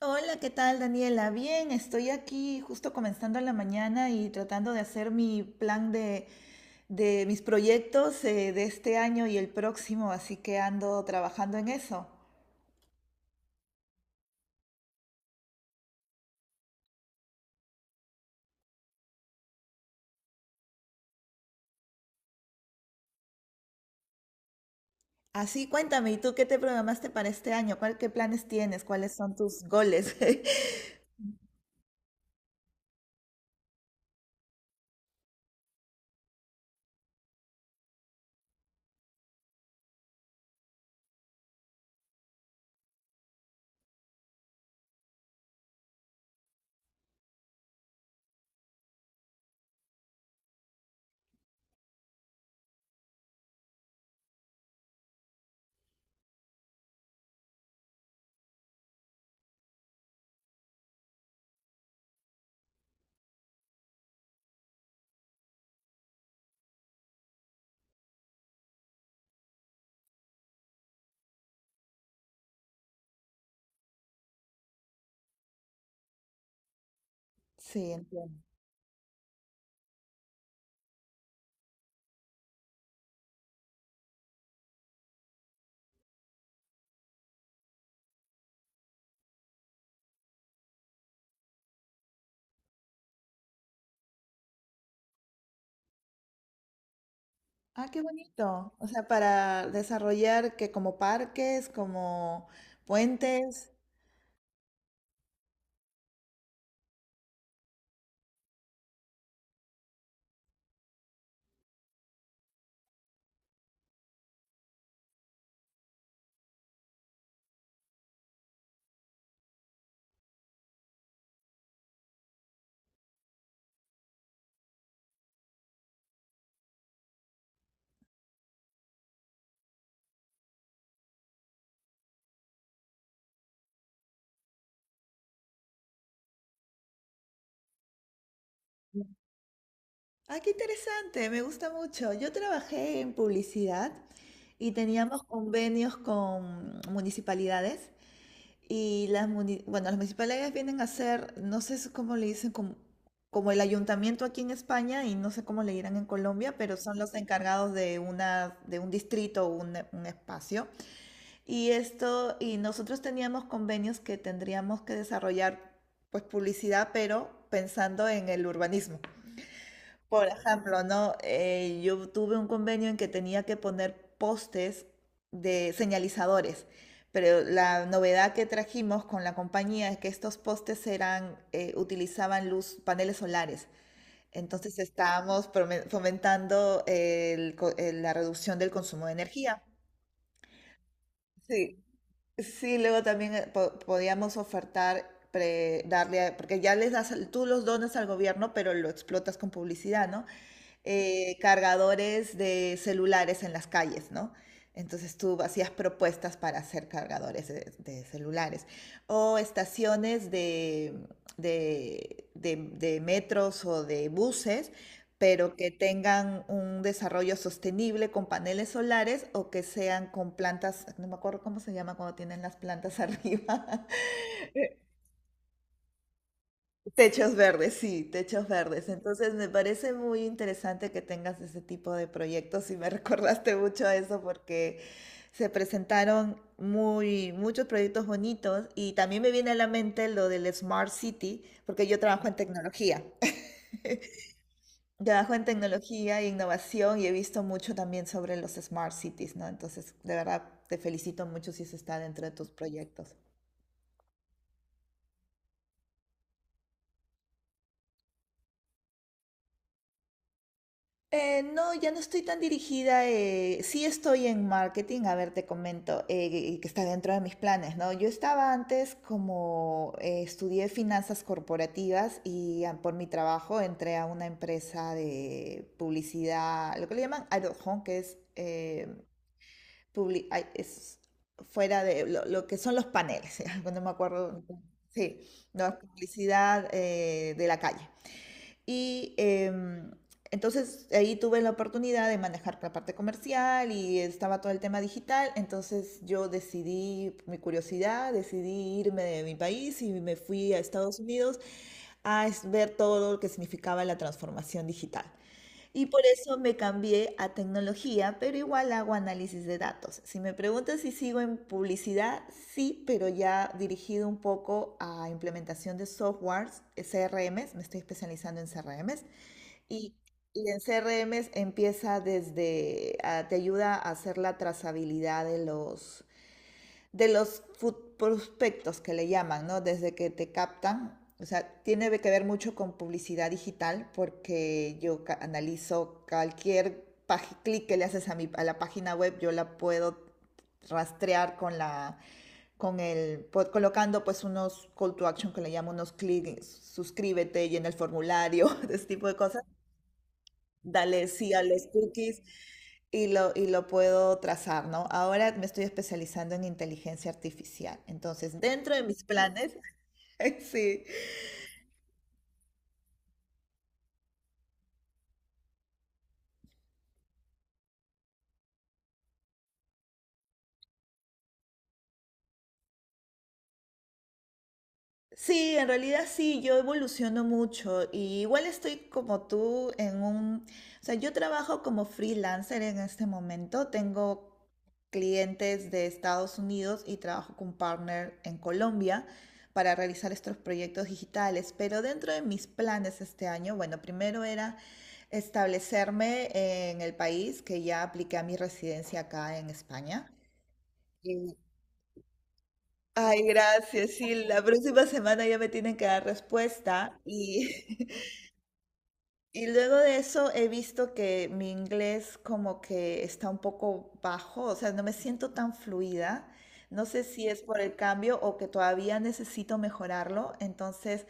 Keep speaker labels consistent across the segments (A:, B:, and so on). A: Hola, ¿qué tal, Daniela? Bien, estoy aquí justo comenzando la mañana y tratando de hacer mi plan de mis proyectos de este año y el próximo, así que ando trabajando en eso. Así, cuéntame, ¿y tú qué te programaste para este año? ¿Qué planes tienes? ¿Cuáles son tus goles? Sí, entiendo. Ah, qué bonito. O sea, para desarrollar que como parques, como puentes. Ah, qué interesante, me gusta mucho. Yo trabajé en publicidad y teníamos convenios con municipalidades y bueno, las municipalidades vienen a hacer, no sé cómo le dicen, como el ayuntamiento aquí en España y no sé cómo le dirán en Colombia, pero son los encargados de un distrito o un espacio. Y esto, y nosotros teníamos convenios que tendríamos que desarrollar pues publicidad, pero pensando en el urbanismo. Por ejemplo, ¿no? Yo tuve un convenio en que tenía que poner postes de señalizadores, pero la novedad que trajimos con la compañía es que estos postes utilizaban luz, paneles solares. Entonces estábamos fomentando el la reducción del consumo de energía. Sí, sí, luego también podíamos ofertar, darle, porque ya les das, tú los donas al gobierno, pero lo explotas con publicidad, ¿no? Cargadores de celulares en las calles, ¿no? Entonces tú hacías propuestas para hacer cargadores de celulares. O estaciones de metros o de buses, pero que tengan un desarrollo sostenible con paneles solares o que sean con plantas, no me acuerdo cómo se llama cuando tienen las plantas arriba. Techos verdes, sí, techos verdes. Entonces me parece muy interesante que tengas ese tipo de proyectos y me recordaste mucho a eso porque se presentaron muchos proyectos bonitos y también me viene a la mente lo del Smart City porque yo trabajo en tecnología. Trabajo en tecnología e innovación y he visto mucho también sobre los Smart Cities, ¿no? Entonces, de verdad, te felicito mucho si eso está dentro de tus proyectos. No, ya no estoy tan dirigida. Sí estoy en marketing, a ver, te comento, que está dentro de mis planes, ¿no? Yo estaba antes como estudié finanzas corporativas y por mi trabajo entré a una empresa de publicidad, lo que le llaman out of home, que es, ay, es fuera de lo que son los paneles, no me acuerdo. Sí, no, publicidad de la calle. Y entonces ahí tuve la oportunidad de manejar la parte comercial y estaba todo el tema digital. Entonces yo decidí, por mi curiosidad, decidí irme de mi país y me fui a Estados Unidos a ver todo lo que significaba la transformación digital. Y por eso me cambié a tecnología, pero igual hago análisis de datos. Si me preguntas si sigo en publicidad, sí, pero ya dirigido un poco a implementación de softwares, CRMs, me estoy especializando en CRMs. Y, y en CRMs empieza desde, te ayuda a hacer la trazabilidad de los prospectos que le llaman, ¿no? Desde que te captan. O sea, tiene que ver mucho con publicidad digital porque yo analizo cualquier clic que le haces a la página web, yo la puedo rastrear con el colocando pues unos call to action que le llamo unos clics, suscríbete y en el formulario, ese tipo de cosas. Dale sí a los cookies y lo puedo trazar, ¿no? Ahora me estoy especializando en inteligencia artificial. Entonces, dentro de mis planes, sí, sí, en realidad sí, yo evoluciono mucho y igual estoy como tú en o sea, yo trabajo como freelancer en este momento, tengo clientes de Estados Unidos y trabajo con partner en Colombia para realizar estos proyectos digitales, pero dentro de mis planes este año, bueno, primero era establecerme en el país, que ya apliqué a mi residencia acá en España. Ay, gracias, sí, la próxima semana ya me tienen que dar respuesta y, y luego de eso he visto que mi inglés como que está un poco bajo, o sea, no me siento tan fluida. No sé si es por el cambio o que todavía necesito mejorarlo. Entonces,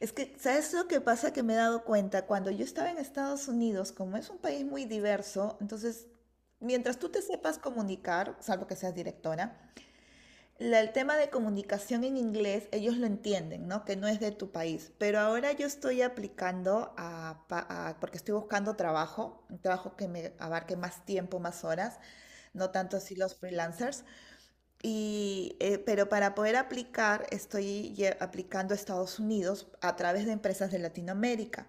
A: es que, ¿sabes lo que pasa? Que me he dado cuenta, cuando yo estaba en Estados Unidos, como es un país muy diverso, entonces, mientras tú te sepas comunicar, salvo que seas directora, el tema de comunicación en inglés, ellos lo entienden, ¿no? Que no es de tu país. Pero ahora yo estoy aplicando porque estoy buscando trabajo, un trabajo que me abarque más tiempo, más horas, no tanto así los freelancers. Y, pero para poder aplicar, estoy aplicando a Estados Unidos a través de empresas de Latinoamérica.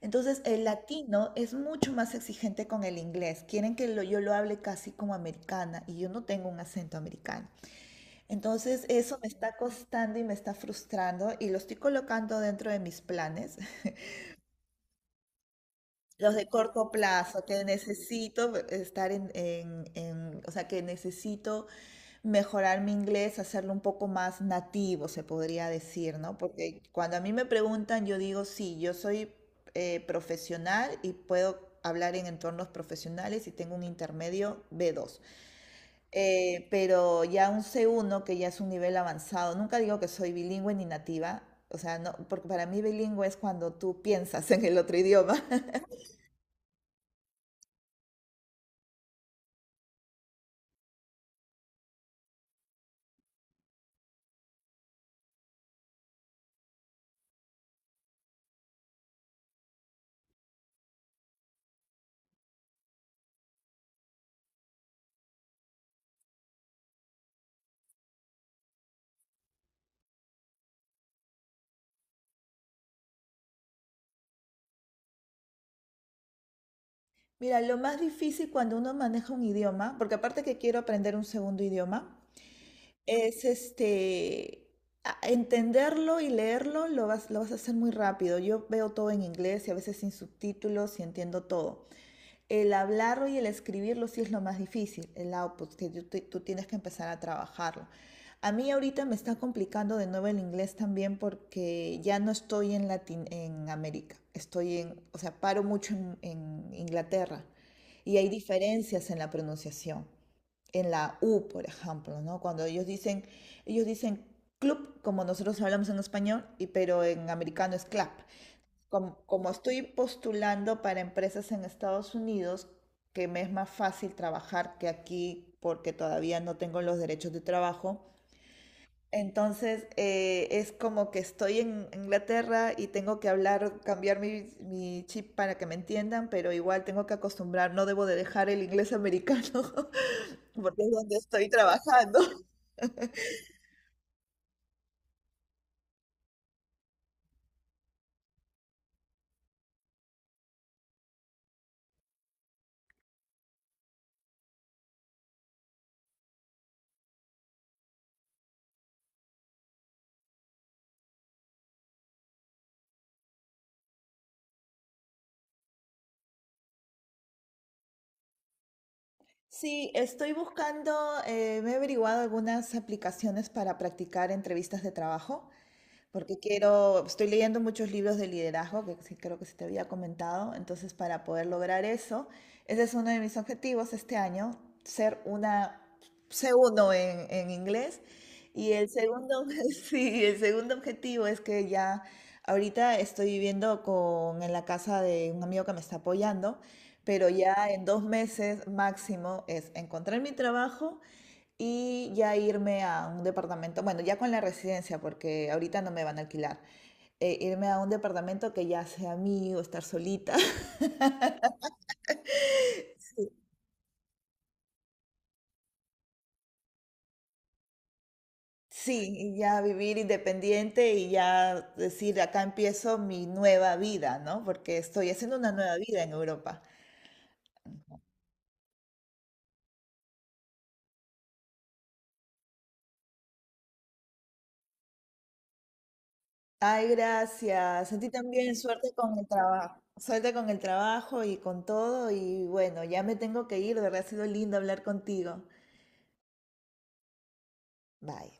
A: Entonces, el latino es mucho más exigente con el inglés. Quieren que yo lo hable casi como americana y yo no tengo un acento americano. Entonces eso me está costando y me está frustrando y lo estoy colocando dentro de mis planes, los de corto plazo, que necesito estar o sea, que necesito mejorar mi inglés, hacerlo un poco más nativo, se podría decir, ¿no? Porque cuando a mí me preguntan, yo digo, sí, yo soy profesional y puedo hablar en entornos profesionales y tengo un intermedio B2. Pero ya un C1 que ya es un nivel avanzado, nunca digo que soy bilingüe ni nativa, o sea, no, porque para mí bilingüe es cuando tú piensas en el otro idioma. Mira, lo más difícil cuando uno maneja un idioma, porque aparte que quiero aprender un segundo idioma, es este, entenderlo y leerlo, lo vas a hacer muy rápido. Yo veo todo en inglés y a veces sin subtítulos y entiendo todo. El hablarlo y el escribirlo sí es lo más difícil, el output, que tú tienes que empezar a trabajarlo. A mí ahorita me está complicando de nuevo el inglés también porque ya no estoy en América, estoy o sea, paro mucho en Inglaterra y hay diferencias en la pronunciación, en la U, por ejemplo, ¿no? Cuando ellos dicen club, como nosotros hablamos en español, y, pero en americano es clap. Como estoy postulando para empresas en Estados Unidos, que me es más fácil trabajar que aquí porque todavía no tengo los derechos de trabajo. Entonces es como que estoy en Inglaterra y tengo que hablar, cambiar mi chip para que me entiendan, pero igual tengo que acostumbrar, no debo de dejar el inglés americano porque es donde estoy trabajando. Sí, estoy buscando, me he averiguado algunas aplicaciones para practicar entrevistas de trabajo. Porque quiero, estoy leyendo muchos libros de liderazgo, que sí creo que se te había comentado, entonces para poder lograr eso, ese es uno de mis objetivos este año, ser una C1 en inglés. Y el segundo, sí, el segundo objetivo es que ya ahorita estoy viviendo en la casa de un amigo que me está apoyando, pero ya en 2 meses máximo es encontrar mi trabajo y ya irme a un departamento, bueno, ya con la residencia, porque ahorita no me van a alquilar, irme a un departamento que ya sea mío, estar solita, sí, y ya vivir independiente y ya decir, acá empiezo mi nueva vida, ¿no? Porque estoy haciendo una nueva vida en Europa. Ay, gracias. A ti también, suerte con el trabajo. Suerte con el trabajo y con todo. Y bueno, ya me tengo que ir. De verdad ha sido lindo hablar contigo. Bye.